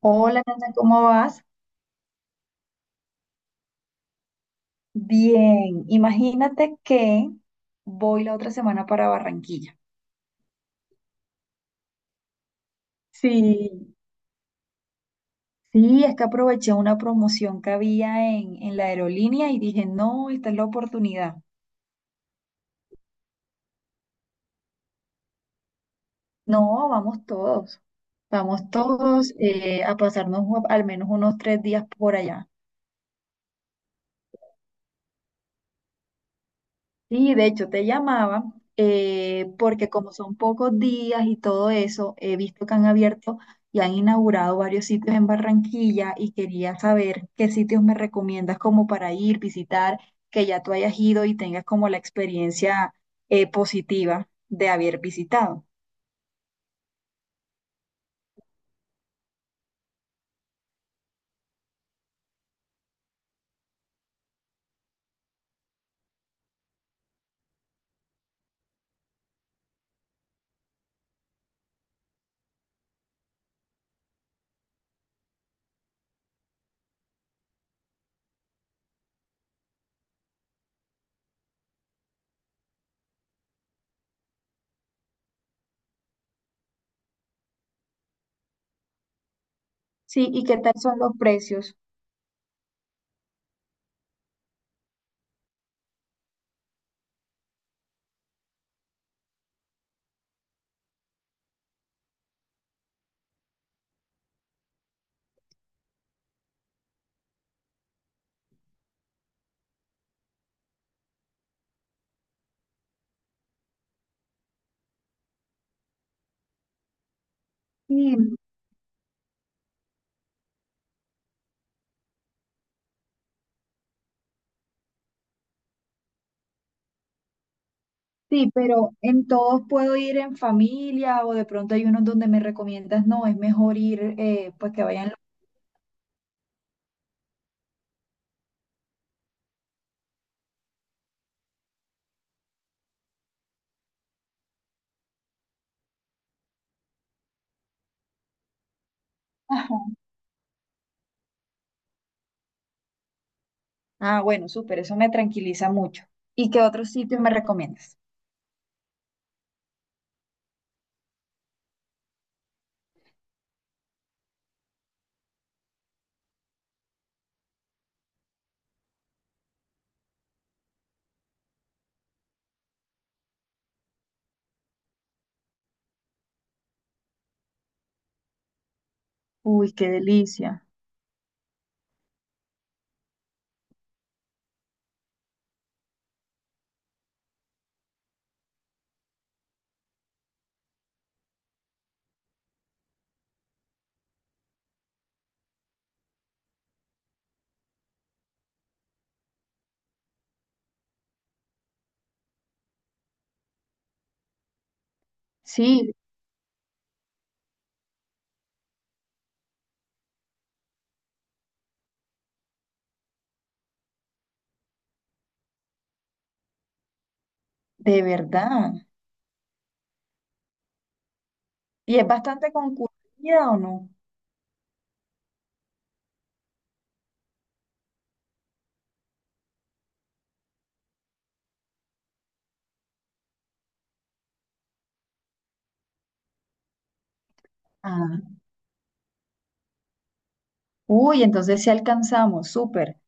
Hola, Nata, ¿cómo vas? Bien, imagínate que voy la otra semana para Barranquilla. Sí, sí, es que aproveché una promoción que había en la aerolínea y dije, no, esta es la oportunidad. No, vamos todos a pasarnos al menos unos 3 días por allá. Sí, de hecho te llamaba porque como son pocos días y todo eso, he visto que han abierto y han inaugurado varios sitios en Barranquilla y quería saber qué sitios me recomiendas como para ir, visitar, que ya tú hayas ido y tengas como la experiencia positiva de haber visitado. Sí, ¿y qué tal son los precios? Sí, sí, pero en todos puedo ir en familia o de pronto hay unos donde me recomiendas, no, es mejor ir, pues que vayan. Ah, bueno, súper, eso me tranquiliza mucho. ¿Y qué otro sitio me recomiendas? Uy, qué delicia. Sí, de verdad. ¿Y es bastante concurrida o no? Ah, uy, entonces sí alcanzamos, súper.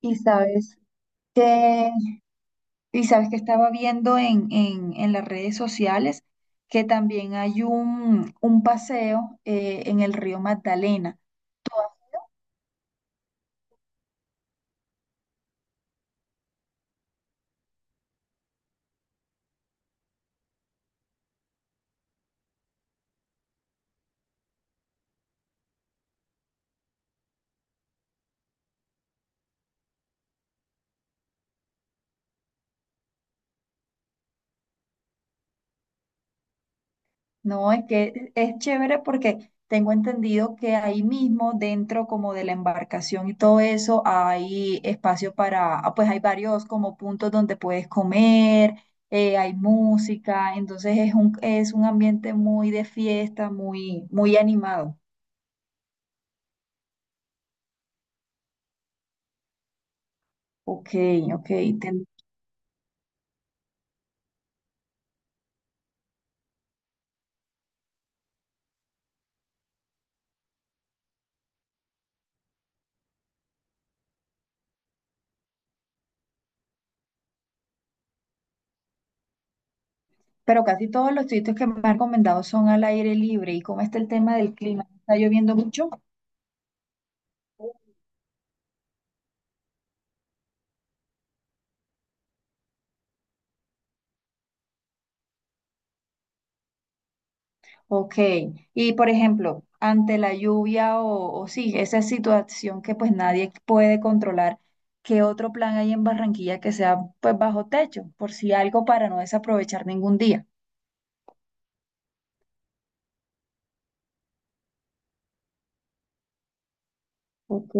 ¿Y sabes que, ¿Y sabes que estaba viendo en las redes sociales que también hay un paseo en el río Magdalena? No, es que es chévere porque tengo entendido que ahí mismo, dentro como de la embarcación y todo eso, hay espacio para, ah, pues hay varios como puntos donde puedes comer, hay música, entonces es es un ambiente muy de fiesta, muy animado. Ok, ok. ten- Pero casi todos los sitios que me han recomendado son al aire libre. ¿Y cómo está el tema del clima? ¿Está lloviendo mucho? Ok, y por ejemplo, ante la lluvia o sí, esa situación que pues nadie puede controlar, ¿qué otro plan hay en Barranquilla que sea pues bajo techo, por si algo para no desaprovechar ningún día? Ok,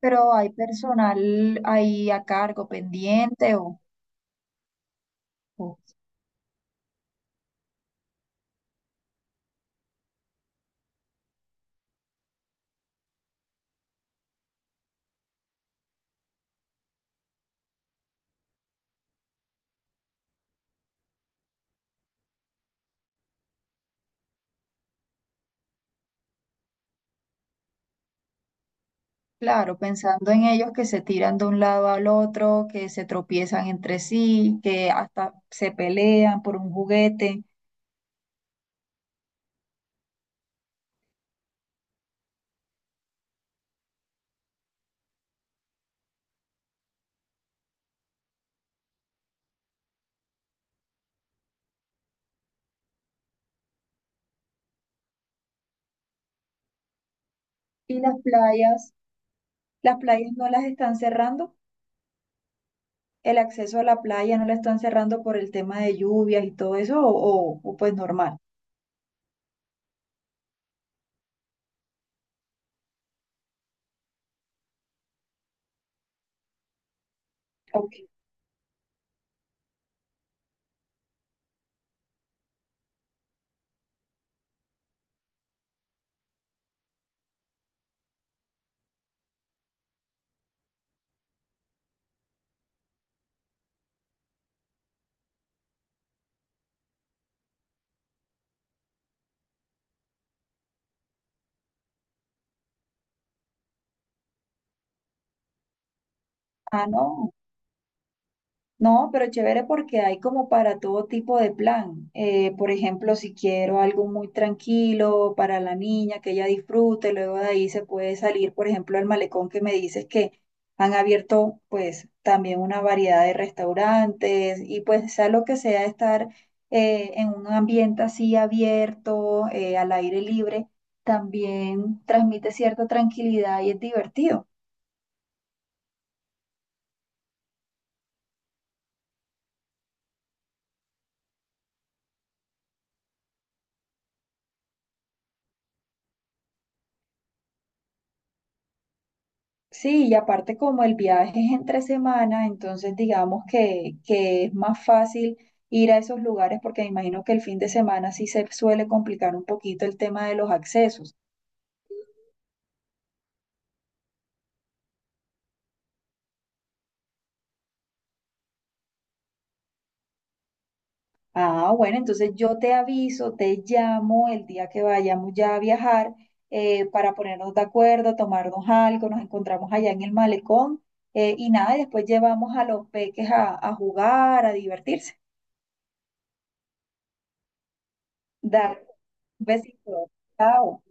pero hay personal ahí a cargo pendiente o- claro, pensando en ellos que se tiran de un lado al otro, que se tropiezan entre sí, que hasta se pelean por un juguete. ¿Y las playas? ¿Las playas no las están cerrando? El acceso a la playa no la están cerrando por el tema de lluvias y todo eso, o pues normal. Ok. Ah, no. No, pero chévere porque hay como para todo tipo de plan. Por ejemplo, si quiero algo muy tranquilo para la niña, que ella disfrute, luego de ahí se puede salir, por ejemplo, al malecón que me dices que han abierto pues también una variedad de restaurantes y pues sea lo que sea estar en un ambiente así abierto, al aire libre, también transmite cierta tranquilidad y es divertido. Sí, y aparte como el viaje es entre semana, entonces digamos que es más fácil ir a esos lugares porque me imagino que el fin de semana sí se suele complicar un poquito el tema de los accesos. Ah, bueno, entonces yo te aviso, te llamo el día que vayamos ya a viajar para ponernos de acuerdo, tomarnos algo, nos encontramos allá en el malecón y nada, y después llevamos a los peques a jugar, a divertirse. Dale, un besito. Chao.